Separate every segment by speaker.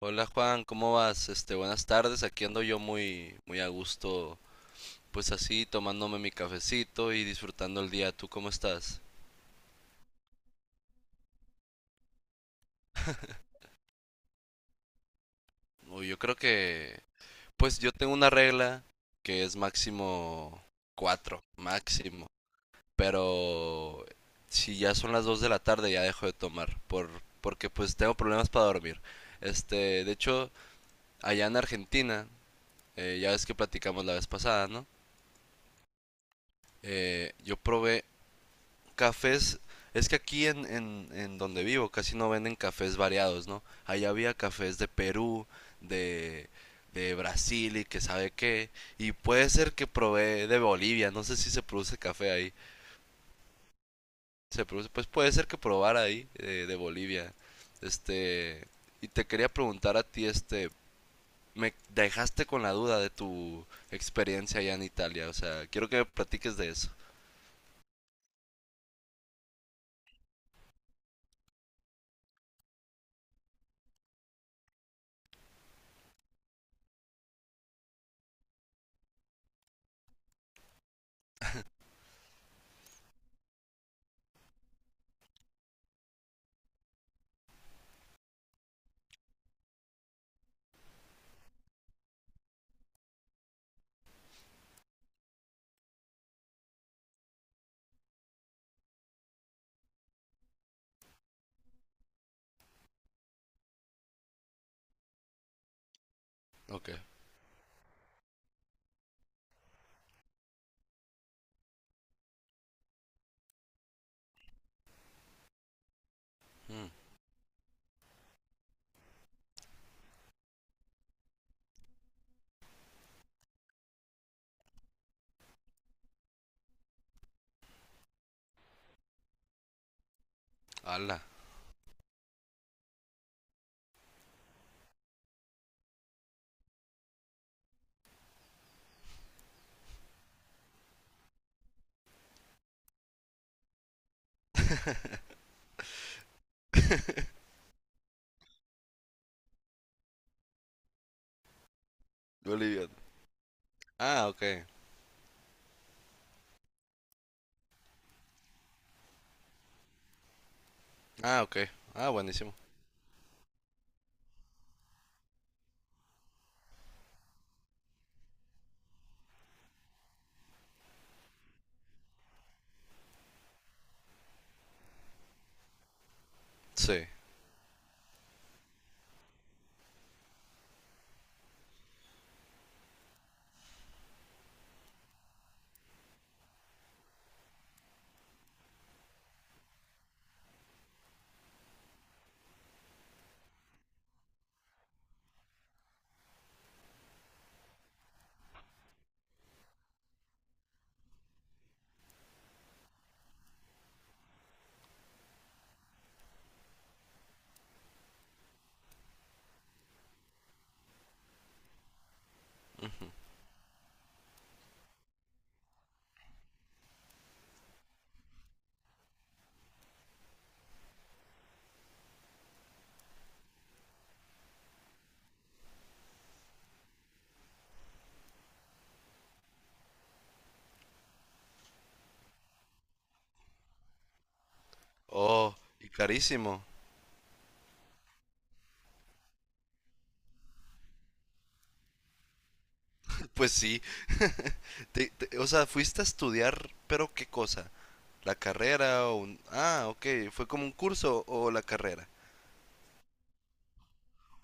Speaker 1: Hola Juan, ¿cómo vas? Este, buenas tardes. Aquí ando yo muy, muy a gusto, pues así, tomándome mi cafecito y disfrutando el día. ¿Tú cómo estás? Uy, yo creo que, pues yo tengo una regla que es máximo cuatro, máximo. Pero si ya son las 2 de la tarde ya dejo de tomar, porque pues tengo problemas para dormir. Este, de hecho, allá en Argentina, ya ves que platicamos la vez pasada, ¿no? Yo probé cafés. Es que aquí en donde vivo casi no venden cafés variados, ¿no? Allá había cafés de Perú, de, de Brasil y que sabe qué. Y puede ser que probé de Bolivia. No sé si se produce café ahí. Se produce, pues puede ser que probara ahí de Bolivia. Este, y te quería preguntar a ti, este, me dejaste con la duda de tu experiencia allá en Italia. O sea, quiero que me platiques de eso. Ok. Mm, ala. Boliviano. Ah, ok. Ah, ok. Ah, buenísimo. Sí. Oh, y carísimo. Pues sí. O sea, fuiste a estudiar, pero ¿qué cosa? ¿La carrera o un? Ah, ok. ¿Fue como un curso o la carrera?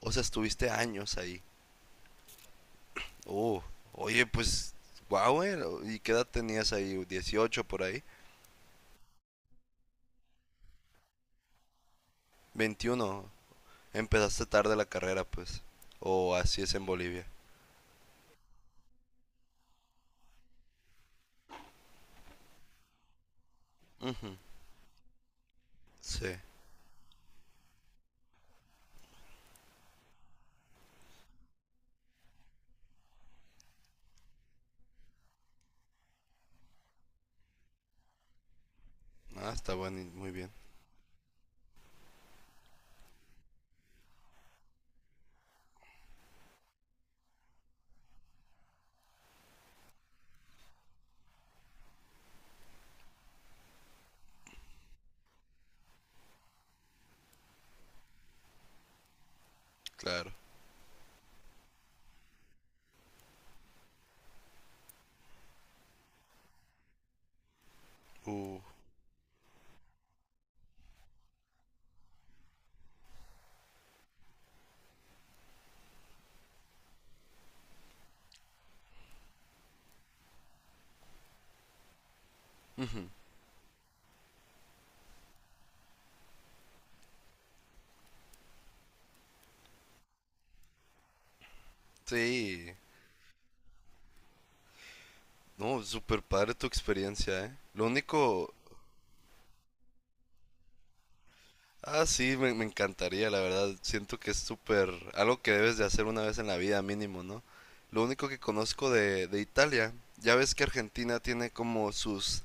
Speaker 1: O sea, estuviste años ahí. Oh, oye, pues, guau. ¿Y qué edad tenías ahí? ¿18 por ahí? 21. Empezaste tarde la carrera, pues. O así es en Bolivia. Ujú, sí. Ah, está bueno, muy bien. Claro. Uh. Sí, no, súper padre tu experiencia, ¿eh? Lo único, ah, sí, me encantaría, la verdad. Siento que es súper, algo que debes de hacer una vez en la vida mínimo, ¿no? Lo único que conozco de Italia, ya ves que Argentina tiene como sus,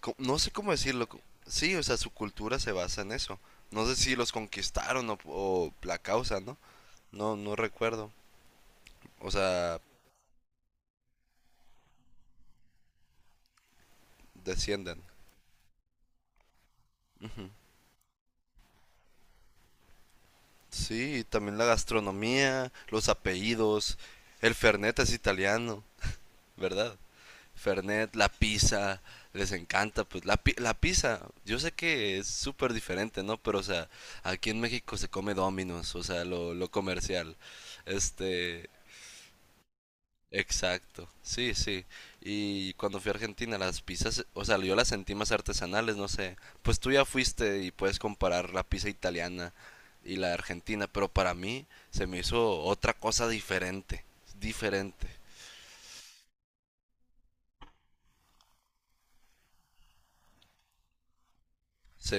Speaker 1: no sé cómo decirlo, sí, o sea, su cultura se basa en eso. No sé si los conquistaron o la causa, ¿no? No, no recuerdo. O sea, descienden. Sí, también la gastronomía, los apellidos. El Fernet es italiano, ¿verdad? Fernet, la pizza, les encanta, pues la pizza, yo sé que es súper diferente, ¿no? Pero, o sea, aquí en México se come Domino's, o sea, lo comercial. Este, exacto, sí, sí. Y cuando fui a Argentina, las pizzas, o sea, yo las sentí más artesanales, no sé. Pues tú ya fuiste y puedes comparar la pizza italiana y la argentina, pero para mí se me hizo otra cosa diferente, diferente. Sí,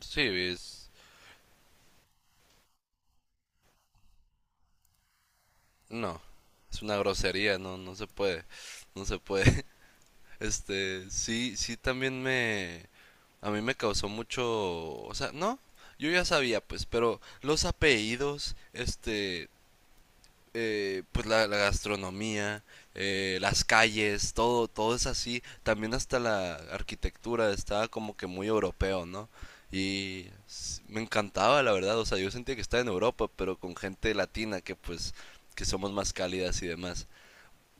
Speaker 1: sí, es, no, es una grosería, no, no se puede, no se puede. Este, sí, sí, también me, a mí me causó mucho, o sea, no, yo ya sabía, pues, pero los apellidos, este, pues la gastronomía, las calles, todo, todo es así. También hasta la arquitectura estaba como que muy europeo, ¿no? Y me encantaba, la verdad. O sea, yo sentía que estaba en Europa, pero con gente latina que pues que somos más cálidas y demás.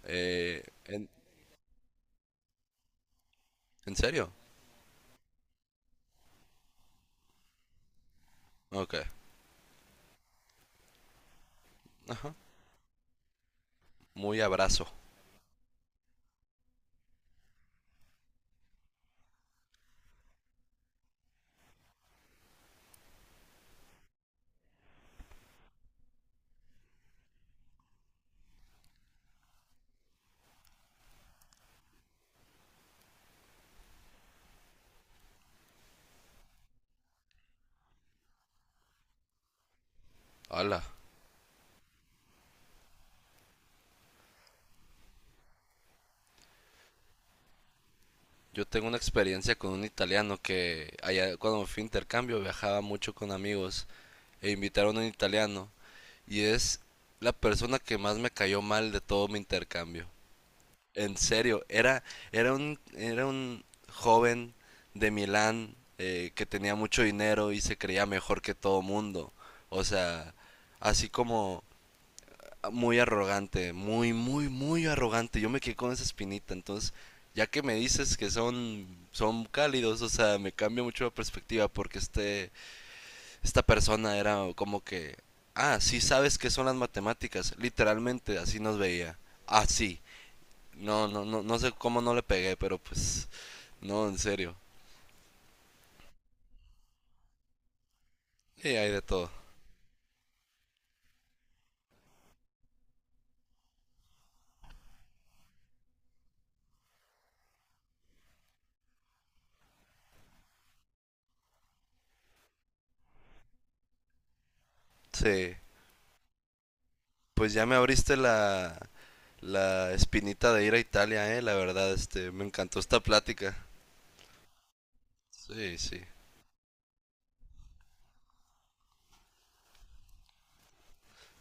Speaker 1: Eh, ¿en, en serio? Ok. Ajá. Muy abrazo. Hola. Yo tengo una experiencia con un italiano que allá cuando me fui a intercambio viajaba mucho con amigos e invitaron a un italiano y es la persona que más me cayó mal de todo mi intercambio. En serio, era, era un joven de Milán que tenía mucho dinero y se creía mejor que todo mundo. O sea, así como muy arrogante, muy, muy, muy arrogante. Yo me quedé con esa espinita. Entonces, ya que me dices que son cálidos, o sea, me cambia mucho la perspectiva porque este, esta persona era como que, ah, sí sabes qué son las matemáticas. Literalmente, así nos veía. Así. No, no, no, no sé cómo no le pegué, pero pues, no, en serio. Y hay de todo. Sí, pues ya me abriste la, espinita de ir a Italia, la verdad, este, me encantó esta plática. Sí, sí.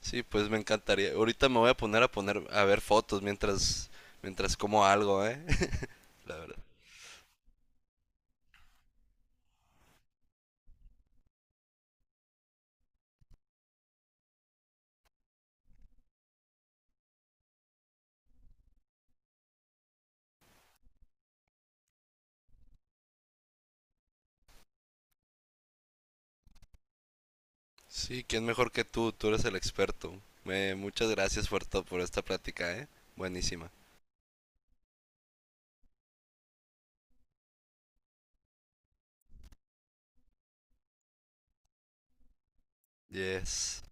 Speaker 1: Sí, pues me encantaría. Ahorita me voy a poner a ver fotos mientras como algo, ¿eh? La verdad. Sí, quién mejor que tú eres el experto. Muchas gracias, Fuerto, por esta plática, ¿eh? Buenísima. Yes.